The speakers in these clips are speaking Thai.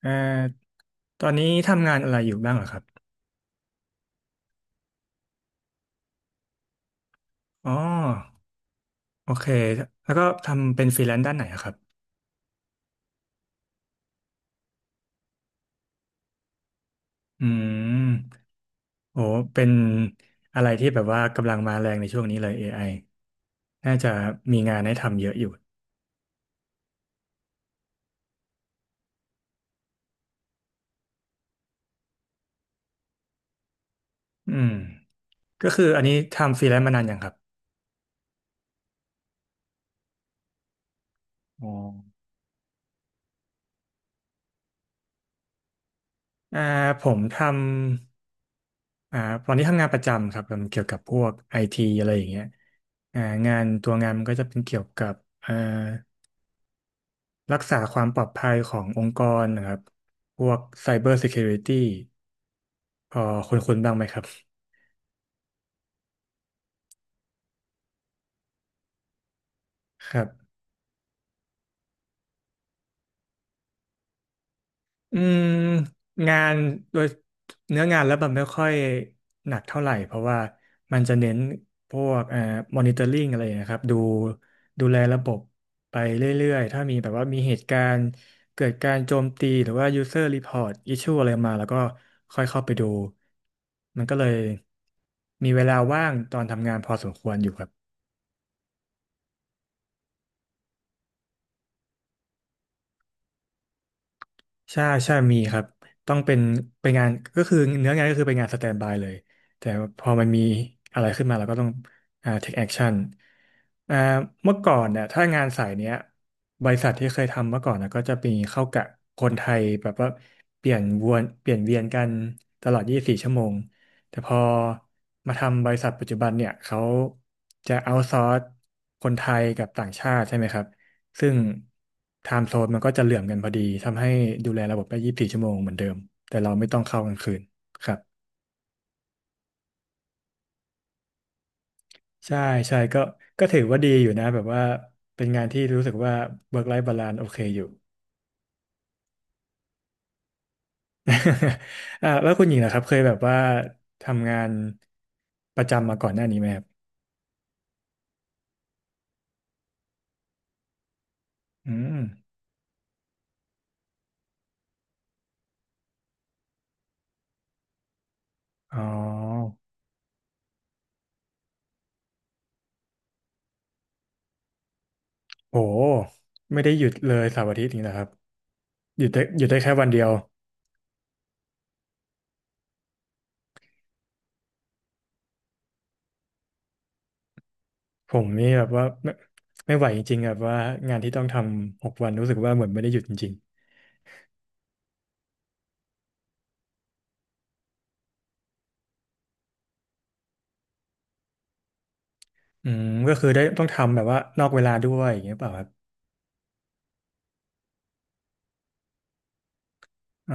เอ่อตอนนี้ทำงานอะไรอยู่บ้างเหรอครับอ๋อโอเคแล้วก็ทำเป็นฟรีแลนซ์ด้านไหนอะครับอืมโอ้เป็นอะไรที่แบบว่ากำลังมาแรงในช่วงนี้เลย AI น่าจะมีงานให้ทำเยอะอยู่อืมก็คืออันนี้ทำฟรีแลนซ์มานานยังครับอ๋ออ่าผมทำอ่าตอนนี้ทำงานประจำครับทำเกี่ยวกับพวกไอทีอะไรอย่างเงี้ยอ่างานตัวงานมันก็จะเป็นเกี่ยวกับเอ่อ รักษาความปลอดภัยขององค์กรนะครับ พวก Cyber Security พอคุ้นๆบ้างไหมครับครับอืมงานโดยเนื้องานแล้วมันไม่ค่อยหนักเท่าไหร่ เพราะว่ามันจะเน้นพวกmonitoring อนิเตอร์ลิงอะไรนะครับดูแลระบบไปเรื่อยๆ ถ้ามีแบบว่ามีเหตุการณ์เกิดการโจมตี หรือว่า user report issue อะไรมาแล้วก็ค่อยเข้าไปดู มันก็เลยมีเวลาว่างตอนทำงานพอสมควรอยู่ครับ ใช่ใช่มีครับต้องเป็นงานก็คือเนื้องานก็คือเป็นงานสแตนด์บายเลยแต่พอมันมีอะไรขึ้นมาเราก็ต้องtake action อ่าเมื่อก่อนเนี่ยถ้างานสายเนี้ยบริษัทที่เคยทำเมื่อก่อนนะก็จะมีเข้ากะคนไทยแบบว่าเปลี่ยนวนเปลี่ยนเวียนกันตลอด24ชั่วโมงแต่พอมาทำบริษัทปัจจุบันเนี่ยเขาจะเอาซอร์สคนไทยกับต่างชาติใช่ไหมครับ ซึ่งไทม์โซนมันก็จะเหลื่อมกันพอดีทำให้ดูแลระบบได้24 ชั่วโมงเหมือนเดิมแต่เราไม่ต้องเข้ากลางคืนครับใช่ใช่ก็ถือว่าดีอยู่นะแบบว่าเป็นงานที่รู้สึกว่า work life balance โอเคอยู่ แล้วคุณหญิงนะครับเคยแบบว่าทำงานประจำมาก่อนหน้านี้ไหมครับอืมอ๋อโหไม่ได้หยุดเลยเสาร์อาทิตย์นี่นะครับหยุดได้หยุดได้แค่วันเดียว ผมนี่แบบว่าไม่ไหวจริงๆแบบว่างานที่ต้องทำหกวันรู้สึกว่าเหมือนไม่ได้หยุดจริงๆก็คือได้ต้องทำแบบว่านอกเวลาด้วยอย่างเงี้ยเปล่าครับอ๋อ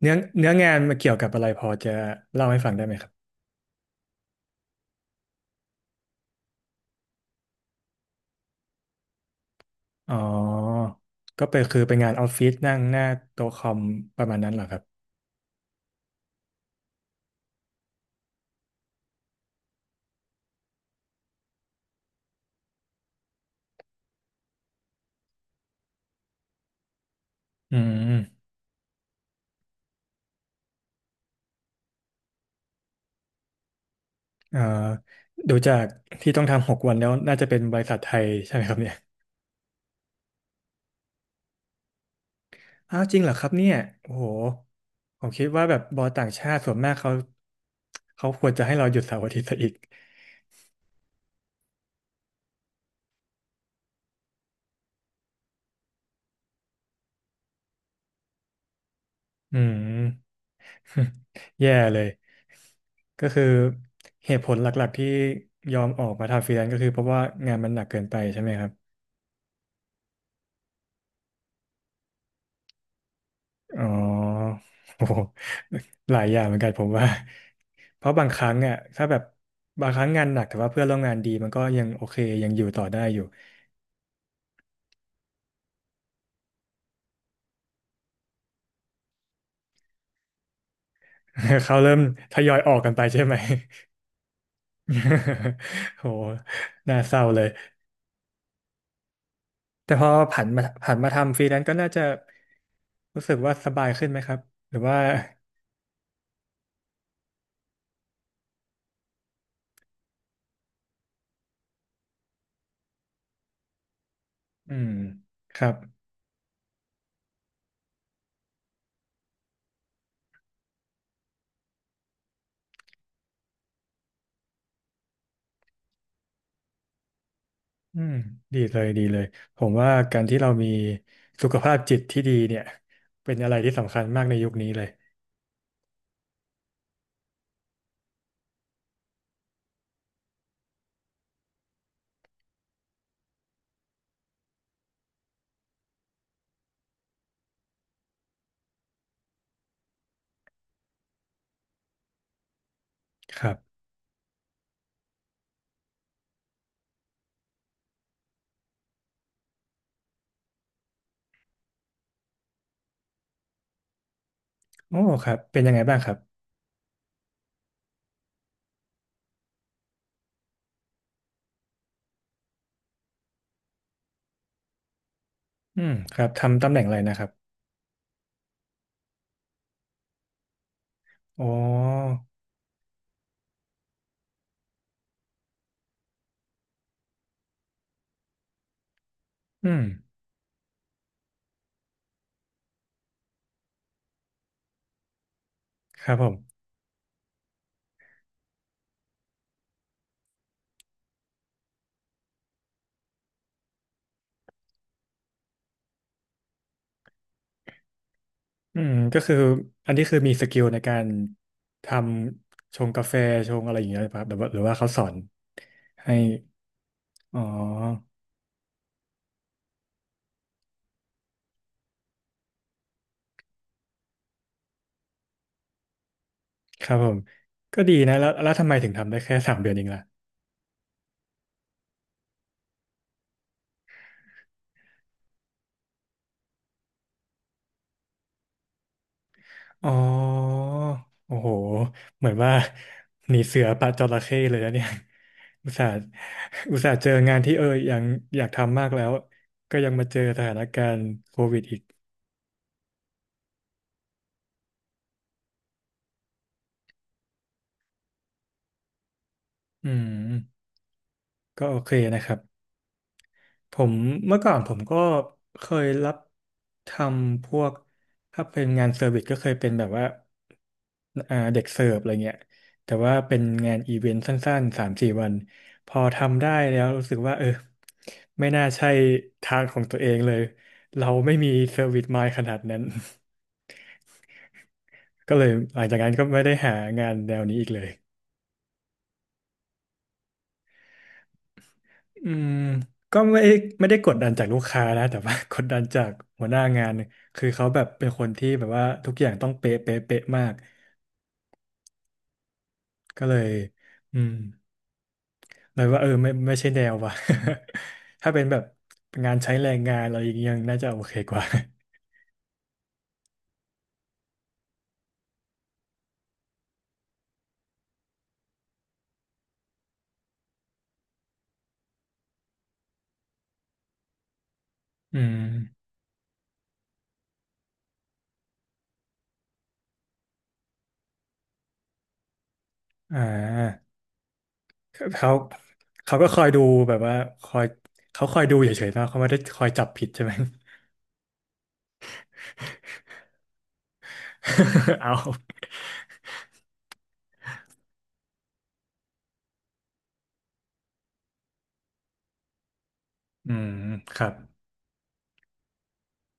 เนื้องานมาเกี่ยวกับอะไรพอจะเล่าให้ฟังได้ไหมครับอ๋อก็เป็นคือเป็นงานออฟฟิศนั่งหน้าโต๊ะคอมประมาณนั้นเหรอครับอืมเอ่อดูจากที่ต้องทำหกวันแล้วน่าจะเป็นบริษัทไทยใช่ไหมครับเนี่ย อ้าวจริงเหรอครับเนี่ยโอ้โหผมคิดว่าแบบบอลต่างชาติส่วนมากเขาควรจะให้เราหยุดเสาร์อาทิตย์ซะอีกอืม แย่เลยก็คือเหตุผลหลักๆที่ยอมออกมาทำฟรีแลนซ์ก็คือเพราะว่างานมันหนักเกินไปใช่ไหมครับอ๋อ โอ้โหหลายอย่างเหมือนกันผมว่าเพราะบางครั้งอ่ะถ้าแบบบางครั้งงานหนักแต่ว่าเพื่อนร่วมงานดีมันก็ยังโอเคยังอยู่ต่อได้อยู่ เขาเริ่มทยอยออกกันไปใช่ไหม โหน่าเศร้าเลยแต่พอผันมาทำฟรีแลนซ์ก็น่าจะรู้สึกว่าสบายขึ้นไหมครับ หรือว่าอืมครับอืมดีเลยดีเลยผมว่าการที่เรามีสุขภาพจิตที่ดีเนี่ยเป็นอะไรที่สำคัญมากในยุคนี้เลยครับโอ้ครับเป็นยังไงบ้างครับอืมครับทำตำแหน่งอะไรนะครับอ๋ออืมครับผม ก็คืออันนี้คือมีสกิลในการทำชงกาแฟชงอะไรอย่างเงี้ยครับหรือว่าเขาสอนให้อ๋อครับผมก็ดีนะแล้วทำไมถึงทำได้แค่3 เดือนเองล่ะอ๋อโอ้โหเหมือนว่าหนีเสือปะจระเข้เลยนะเนี่ย อุตส่าห์อุตส่าห์เจองานที่เออยังอยากทำมากแล้วก็ยังมาเจอสถานการณ์โควิดอีกอืมก็โอเคนะครับ ผมเมื่อก่อนผมก็เคยรับทำพวกถ้าเป็นงานเซอร์วิสก็เคยเป็นแบบว่าเด็กเสิร์ฟอะไรเงี้ยแต่ว่าเป็นงานอีเวนต์สั้นๆ3-4 วันพอทำได้แล้วรู้สึกว่าเออไม่น่าใช่ทางของตัวเองเลยเราไม่มีเซอร์วิสมายขนาดนั้น ก็เลยหลังจากนั้นก็ไม่ได้หางานแนวนี้อีกเลย อืมก็ไม่ได้กดดันจากลูกค้านะแต่ว่า กดดันจากหัวหน้างานคือเขาแบบเป็นคนที่แบบว่าทุกอย่างต้องเป๊ะเป๊ะเป๊ะมากก็เลยอืมเลยว่าเออไม่ใช่แนวว่ะ ถ้าเป็นแบบงานใช้แรงงานอะไรอย่างเงี้ยยังน่าจะโอเคกว่า อืมอ่าเขาเขาก็คอยดูแบบว่าคอยเขาคอยดูเฉยๆนะเขาไม่ได้คอยจับผิดใช่ไหม เอาอืมครับ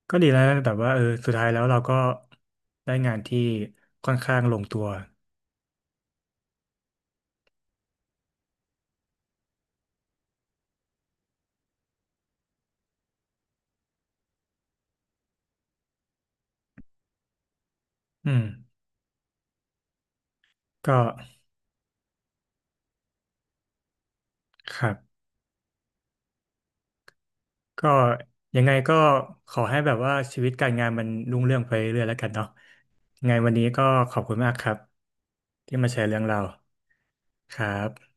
ก็ดีแล้วนะแต่ว่าเออสุดท้ายแล้วเราก็ได้งานที่ค่อนข้างลงตัวอืมก็ครับก็ยังไงก็ขอให้แบบว่าชีวิตการงานมันรุ่งเรืองไปเรื่อยๆแล้วกันเนาะยังไงวันนี้ก็ขอบคุณมากครับที่มาแชร์เรื่องเราวครับ